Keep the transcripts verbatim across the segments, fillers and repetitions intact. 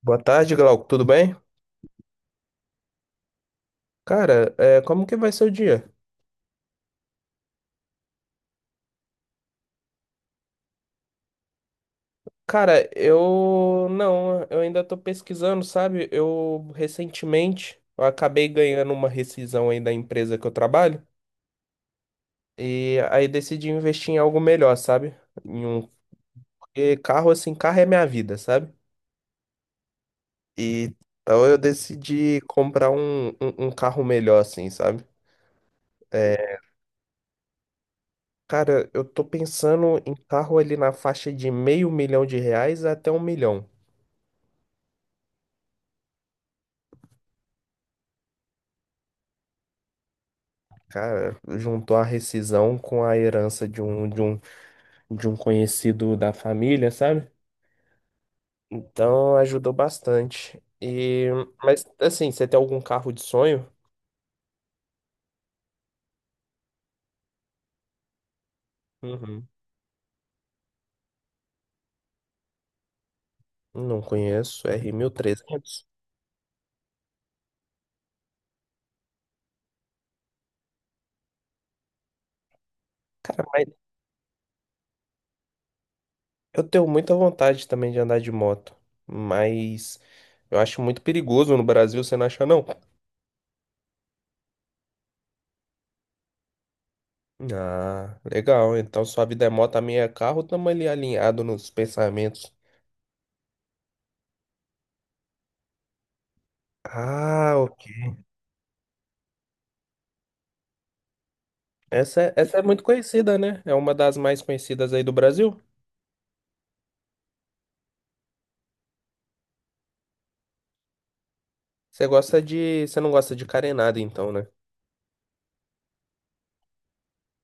Boa tarde, Glauco. Tudo bem? Cara, é, como que vai ser o dia? Cara, eu não, eu ainda tô pesquisando, sabe? Eu recentemente eu acabei ganhando uma rescisão aí da empresa que eu trabalho e aí decidi investir em algo melhor, sabe? Em um Porque carro assim, carro é minha vida, sabe? E então eu decidi comprar um, um, um carro melhor assim, sabe? Cara, eu tô pensando em carro ali na faixa de meio milhão de reais até um milhão. Cara, juntou a rescisão com a herança de um, de um, de um conhecido da família, sabe? Então ajudou bastante. E, mas assim, você tem algum carro de sonho? Uhum. Não conheço, r mil e trezentos. Cara, mas eu tenho muita vontade também de andar de moto, mas eu acho muito perigoso no Brasil, você não acha não? Ah, legal. Então sua vida é moto, a minha é carro, estamos ali alinhado nos pensamentos. Ah, Essa é, essa é muito conhecida, né? É uma das mais conhecidas aí do Brasil. Você gosta de. Você não gosta de carenada, então, né?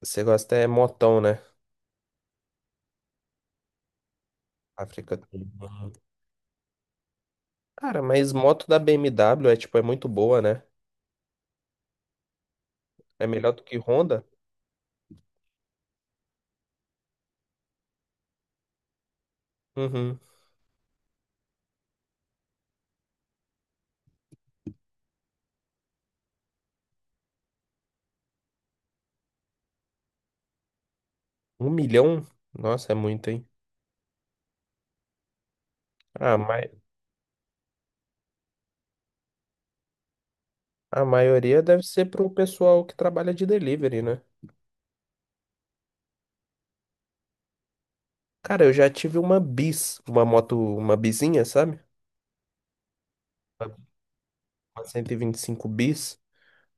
Você gosta é motão, né? África do Norte. Cara, mas moto da B M W é tipo, é muito boa, né? É melhor do que Honda? Uhum. Um milhão? Nossa, é muito, hein? A, ma... a maioria deve ser pro pessoal que trabalha de delivery, né? Cara, eu já tive uma bis, uma moto, uma bizinha, sabe? Uma cento e vinte e cinco bis.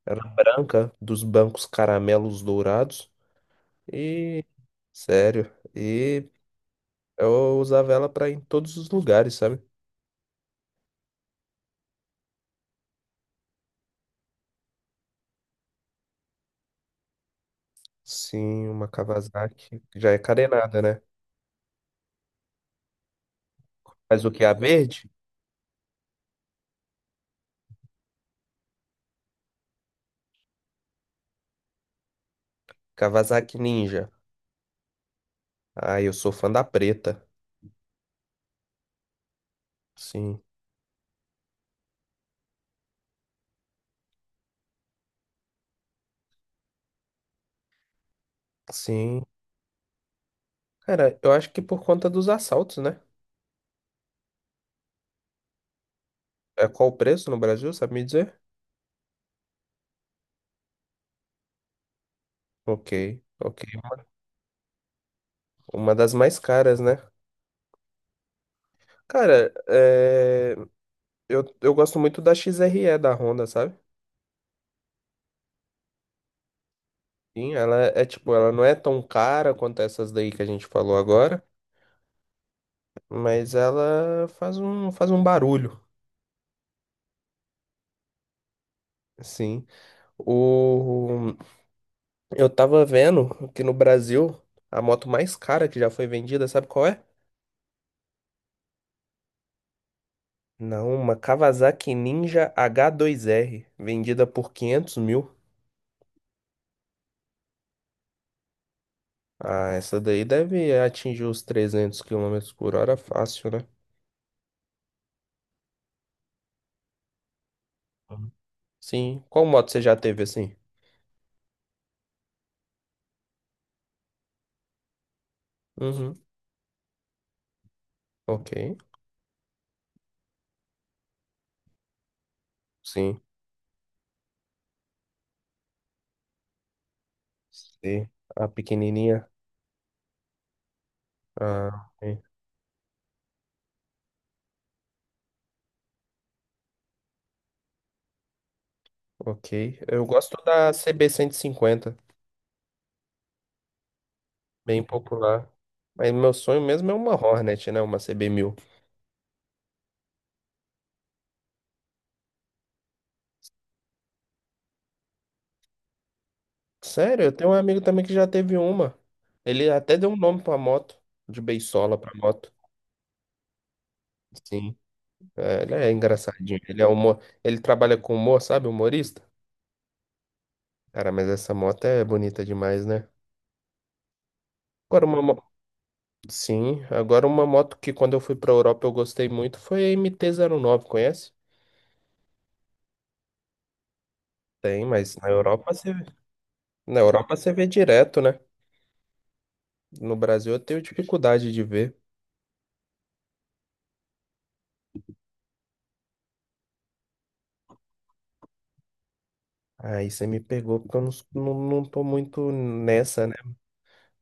Era branca, dos bancos caramelos dourados. E. Sério. E eu usava ela pra ir em todos os lugares, sabe? Sim, uma Kawasaki, que já é carenada, né? Mas o que é a verde? Kawasaki Ninja. Ah, eu sou fã da preta. Sim. Sim. Cara, eu acho que por conta dos assaltos, né? É qual o preço no Brasil, sabe me dizer? Ok, ok. Uma das mais caras, né? Cara, é, eu, eu gosto muito da X R E da Honda, sabe? Sim, ela é é, tipo, ela não é tão cara quanto essas daí que a gente falou agora, mas ela faz um, faz um barulho, assim. O, eu tava vendo que no Brasil, a moto mais cara que já foi vendida, sabe qual é? Não, uma Kawasaki Ninja H dois R, vendida por quinhentos mil. Ah, essa daí deve atingir os trezentos quilômetros por hora fácil, né? Uhum. Sim. Qual moto você já teve assim? Uhum. Ok. Sim. Sim. A pequenininha. Ah, ok. Ok. Eu gosto da CB cinquenta, bem popular. Mas meu sonho mesmo é uma Hornet, né? Uma CB mil. Sério, eu tenho um amigo também que já teve uma. Ele até deu um nome pra moto, de Beisola pra moto. Sim, é, ele é engraçadinho. Ele é humor, ele trabalha com humor, sabe? Humorista. Cara, mas essa moto é bonita demais, né? Agora uma, mo- sim, agora uma moto que quando eu fui pra Europa eu gostei muito foi a MT nove. Conhece? Tem, mas na Europa você na Europa você vê direto, né? No Brasil eu tenho dificuldade de ver. Aí você me pegou porque eu não, não, não tô muito nessa, né?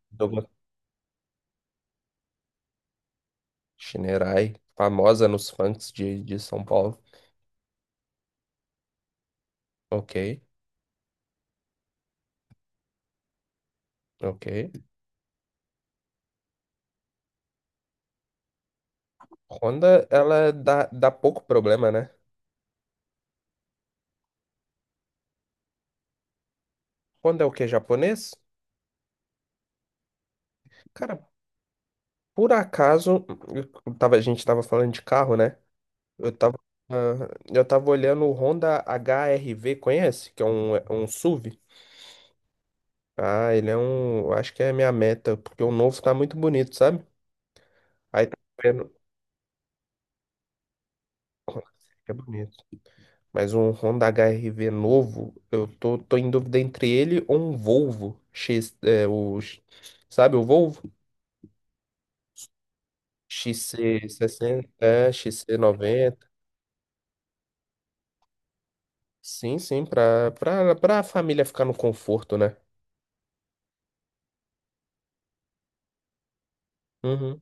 Douglas Shinerai, famosa nos funks de, de São Paulo. Ok, ok. Honda, ela dá, dá pouco problema, né? Honda é o quê? Japonês? Cara, por acaso, eu tava, a gente tava falando de carro, né? Eu tava, ah, eu tava olhando o Honda H R V, conhece? Que é um, é um S U V. Ah, ele é um. Eu acho que é a minha meta, porque o novo tá muito bonito, sabe? Aí tá vendo. É bonito. Mas um Honda H R-V novo, eu tô, tô em dúvida entre ele ou um Volvo X, é, o, X- Sabe o Volvo? X C sessenta, é, X C noventa. Sim, sim, pra, pra, pra família ficar no conforto, né? Uhum.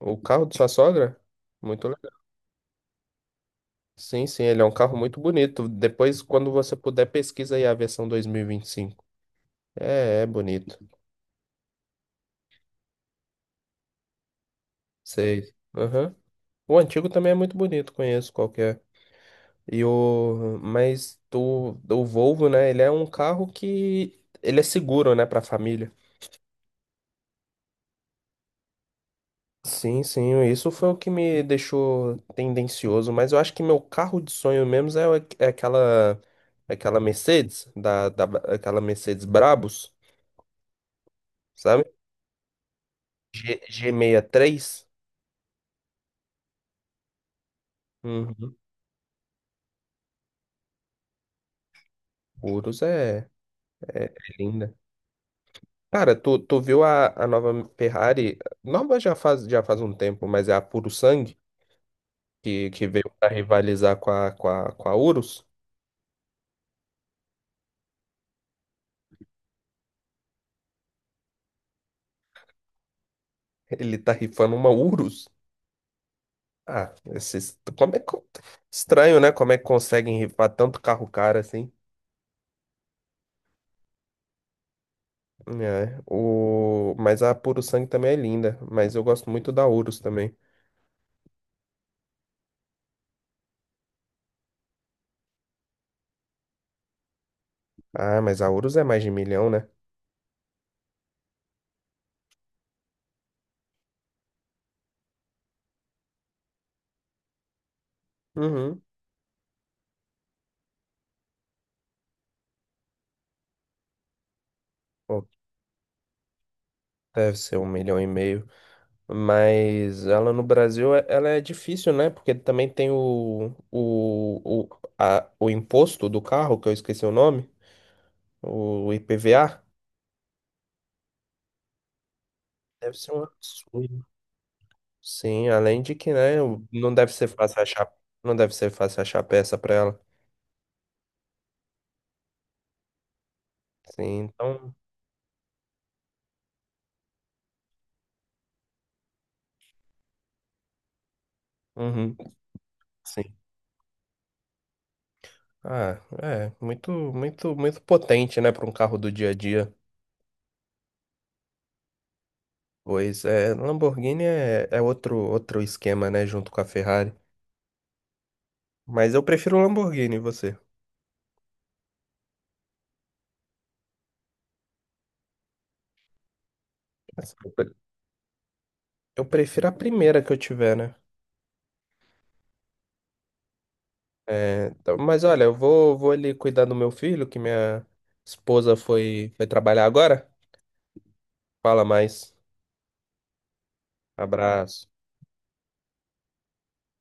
O carro de sua sogra? Muito legal. Sim, sim, ele é um carro muito bonito. Depois, quando você puder, pesquisa aí a versão dois mil e vinte e cinco. É, é bonito. Sei. Aham. O antigo também é muito bonito, conheço qualquer. E o mas o, o Volvo, né, ele é um carro que ele é seguro, né, para família. Sim, sim, isso foi o que me deixou tendencioso, mas eu acho que meu carro de sonho mesmo é, o- é aquela aquela Mercedes da, da aquela Mercedes Brabus, sabe? G, G63. Uhum. Urus é, é, é linda. Cara, tu, tu viu a, a nova Ferrari? Nova já faz, já faz um tempo, mas é a Puro Sangue, que, que veio pra rivalizar com a, com a, com a Urus. Ele tá rifando uma Urus. Ah, esses, como é que, Estranho, né? Como é que conseguem rifar tanto carro caro assim? É, o, mas a Puro Sangue também é linda, mas eu gosto muito da Urus também. Ah, mas a Urus é mais de milhão, né? Uhum. Pô, deve ser um milhão e meio. Mas ela no Brasil, é- ela é difícil, né? Porque também tem o, o, o, a- o imposto do carro, que eu esqueci o nome, o I P V A. Deve ser um absurdo. Sim, além de que, né, o- não deve ser fácil achar, não deve ser fácil achar peça para ela. Sim, então, uhum, sim. Ah, é muito, muito, muito potente, né, para um carro do dia a dia. Pois é, Lamborghini é, é outro, outro esquema, né, junto com a Ferrari. Mas eu prefiro o Lamborghini, e você? Assim, Eu pre- eu prefiro a primeira que eu tiver, né? É, tá- mas olha, eu vou, vou ali cuidar do meu filho, que minha esposa foi, foi trabalhar agora. Fala mais. Abraço.